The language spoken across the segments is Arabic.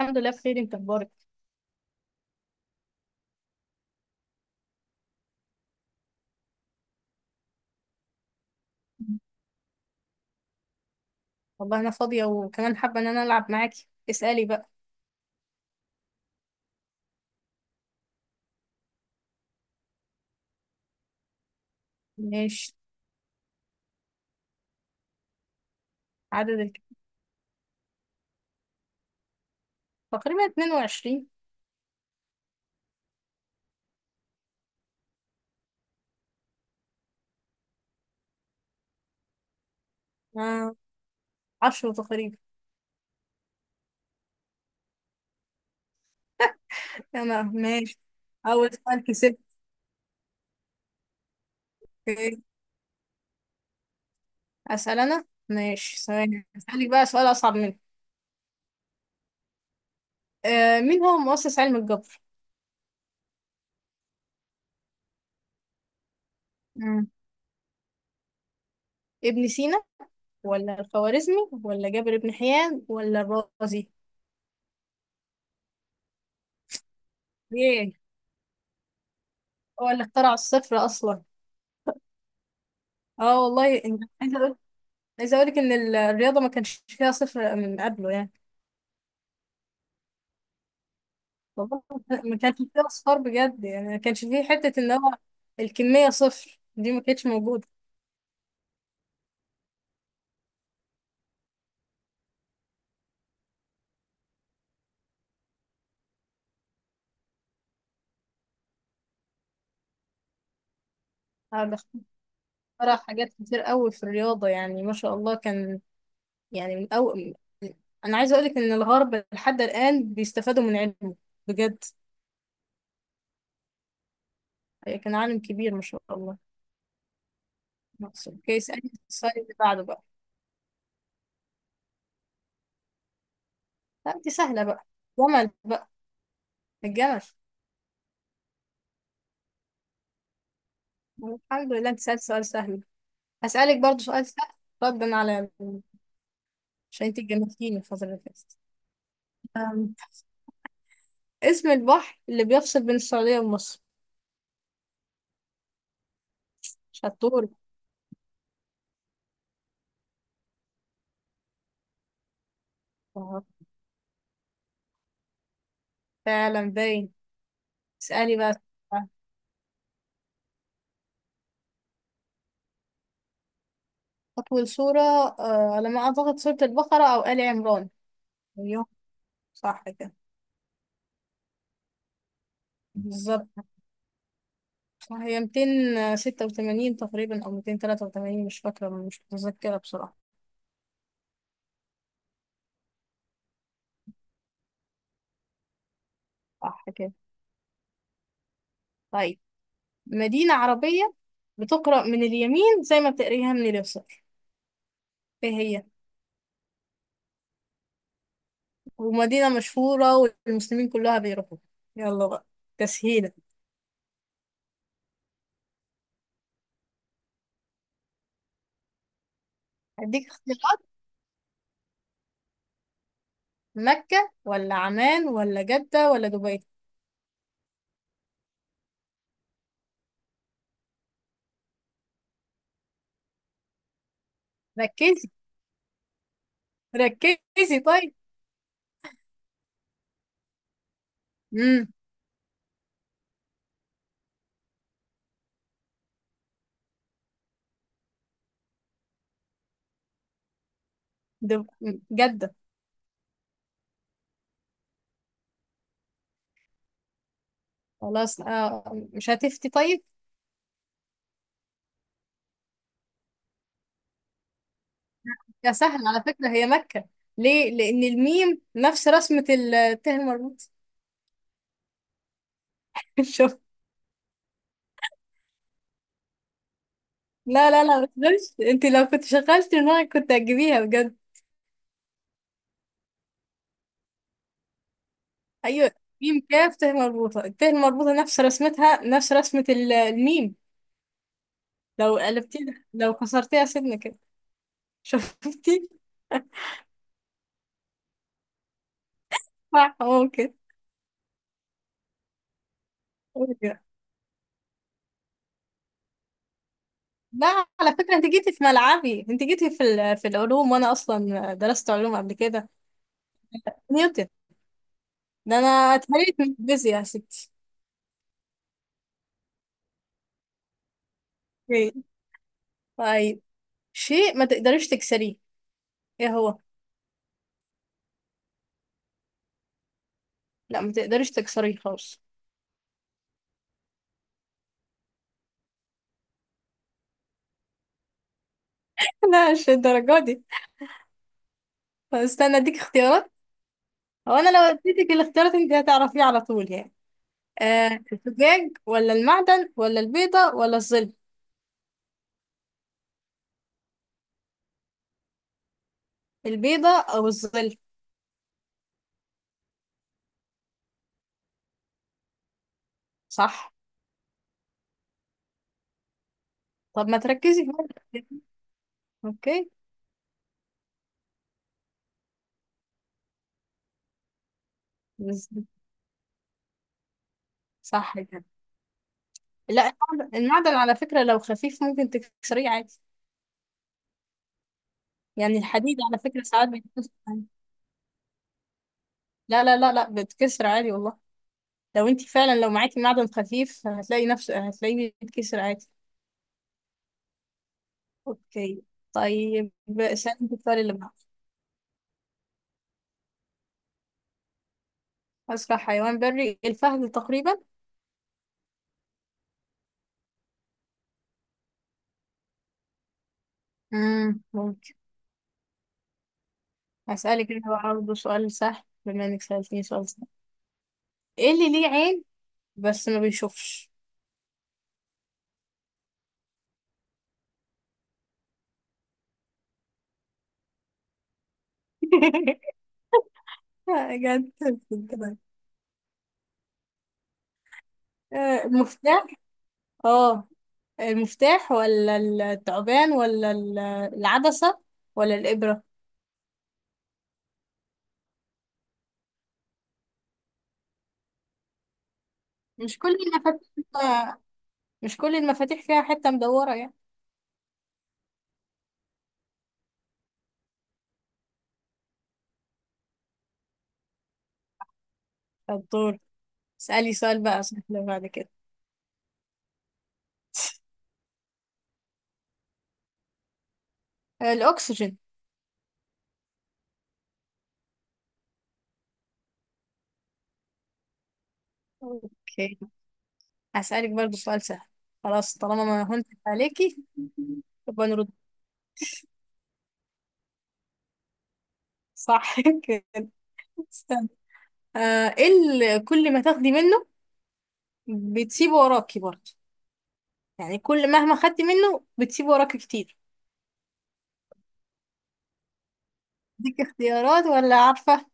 الحمد لله بخير، انت اخبارك؟ والله انا فاضيه وكمان حابه ان انا العب معاكي. اسالي بقى. ماشي. عدد الك... تقريبا 22. آه. 10 تقريبا. انا ماشي. اول سؤال كسبت. اوكي. اسال انا ماشي ثواني، اسالك بقى سؤال اصعب منه. مين هو مؤسس علم الجبر؟ مم. ابن سينا ولا الخوارزمي ولا جابر بن حيان ولا الرازي؟ ايه، هو اللي اخترع الصفر اصلا. اه والله، انت عايزه اقول. عايزة أقولك إن الرياضة ما كانش فيها صفر من قبله يعني. والله ما كانش فيها أصفار بجد، يعني ما كانش فيه حتة إن هو الكمية صفر دي ما كانتش موجودة. أنا بختار حاجات كتير قوي في الرياضة، يعني ما شاء الله كان. يعني من أول. أنا عايزة أقولك إن الغرب لحد الآن بيستفادوا من علمه، بجد. كان عالم كبير ما شاء الله. مصر. أوكي، اسألني السؤال اللي بعده بقى. لا دي سهلة بقى. جمل بقى. الجمل. الحمد لله أنت سألت سؤال سهل. هسألك برضو سؤال سهل. ردا على. عشان انت جننتيني الفترة اللي فاتت. أم، اسم البحر اللي بيفصل بين السعودية ومصر. شطور. آه، فعلا باين. اسألي بقى. أطول سورة، على ما أعتقد سورة البقرة أو آل عمران. أيوه، صح كده. بالظبط. صح، هي 286 تقريبا أو 283، مش فاكرة، مش متذكرة بصراحة. صح كده. طيب، مدينة عربية بتقرأ من اليمين زي ما بتقريها من اليسار، ايه هي؟ ومدينة مشهورة والمسلمين كلها بيروحوا. يلا بقى، تسهيلة. هديك اختيارات. مكة ولا عمان ولا جدة ولا دبي؟ ركزي ركزي طيب. امم دب... جدة. خلاص مش هتفتي طيب. يا سهل، على فكرة هي مكة. ليه؟ لأن الميم نفس رسمة الته المربوط. شوف. لا لا لا، ما تقدرش. انت لو كنت شغلت دماغك كنت هتجيبيها بجد. ايوه. ميم كاف ته مربوطة، الته المربوطة نفس رسمتها، نفس رسمة الميم. لو قلبتيه، لو كسرتيها سنة كده. شفتي؟ صح، ممكن. لا على فكرة، انت جيتي في ملعبي، انت جيتي في في العلوم، وانا اصلا درست علوم قبل كده. نيوتن. ده انا اتهريت من الفيزياء يا ستي. إيه. طيب، شيء ما تقدريش تكسريه، ايه هو؟ لا، ما تقدريش تكسريه خالص. لا مش الدرجة دي. طب استنى اديك اختيارات. هو انا لو اديتك الاختيارات انت هتعرفيه على طول يعني. الزجاج ولا المعدن ولا البيضة ولا الظل؟ البيضة او الظل. صح. طب ما تركزي في واحدة. اوكي. بس- صح كده. لا المعدن، المعدن على فكرة لو خفيف ممكن تكسريه عادي. يعني الحديد على فكرة ساعات بيتكسر عادي. لا لا لا لا، بتكسر عادي والله. لو انت فعلا، لو معاكي معدن خفيف هتلاقي نفسه، هتلاقيه بيتكسر عادي. اوكي. طيب، سألت السؤال اللي بعده. أسرع حيوان بري الفهد تقريبا. ممكن. هسألك انا بقى برضه سؤال سهل بما انك سألتني سؤال سهل. ايه اللي ليه عين بس ما بيشوفش؟ قاعد تهبل كده. المفتاح. اه المفتاح ولا التعبان ولا العدسة ولا الإبرة؟ مش كل المفاتيح مش كل المفاتيح فيها حتة مدورة يعني. الدور. اسألي سؤال بقى سهل بعد كده. الأكسجين. اوكي، هسألك برضو سؤال سهل. خلاص، طالما ما هنت عليكي يبقى نرد. صح كده. استنى. ايه اللي كل ما تاخدي منه بتسيبه وراكي برضه؟ يعني كل مهما خدتي منه بتسيب وراك كتير. ديك اختيارات ولا عارفة؟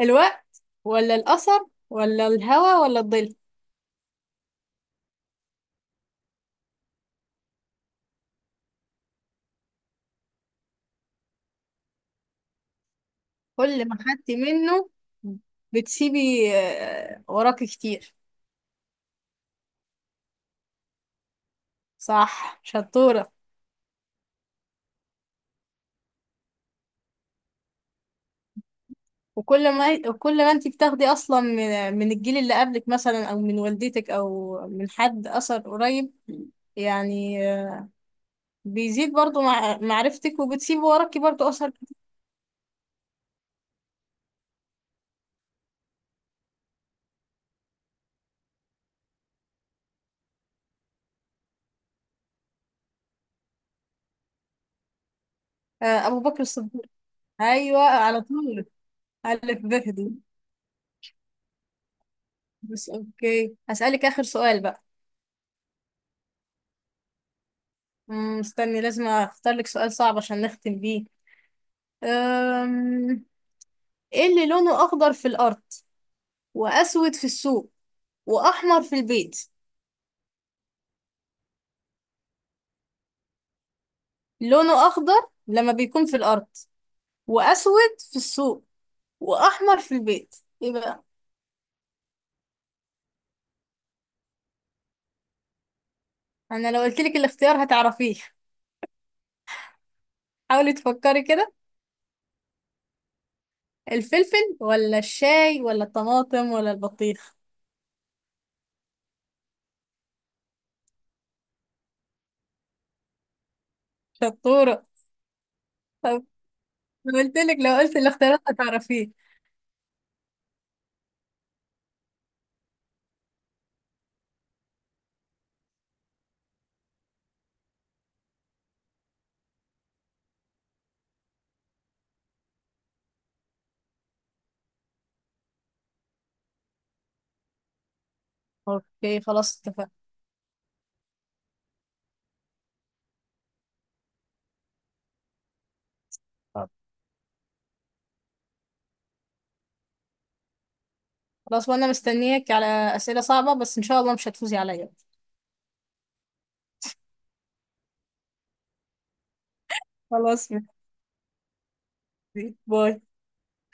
الوقت ولا الأثر ولا الهوى ولا الظل؟ كل ما خدتي منه بتسيبي وراك كتير. صح، شطورة. وكل ما انتي بتاخدي أصلا من الجيل اللي قبلك، مثلا أو من والدتك أو من حد أثر قريب، يعني بيزيد برضو مع معرفتك وبتسيب وراكي برضو أثر كتير. أبو بكر الصديق. أيوة على طول. ألف ب دي. بس أوكي، هسألك آخر سؤال بقى. استني لازم أختار لك سؤال صعب عشان نختم بيه. أم... إيه اللي لونه أخضر في الأرض وأسود في السوق وأحمر في البيت؟ لونه أخضر لما بيكون في الأرض، وأسود في السوق، وأحمر في البيت. إيه بقى؟ أنا لو قلت لك الاختيار هتعرفيه. حاولي تفكري كده. الفلفل ولا الشاي ولا الطماطم ولا البطيخ؟ شطورة. طب قلت لك لو قلت الاختيارات هتعرفيه. اوكي خلاص، اتفقنا. خلاص، وانا مستنياك على اسئلة صعبة، بس ان شاء الله مش هتفوزي عليا. خلاص، ميرسي. باي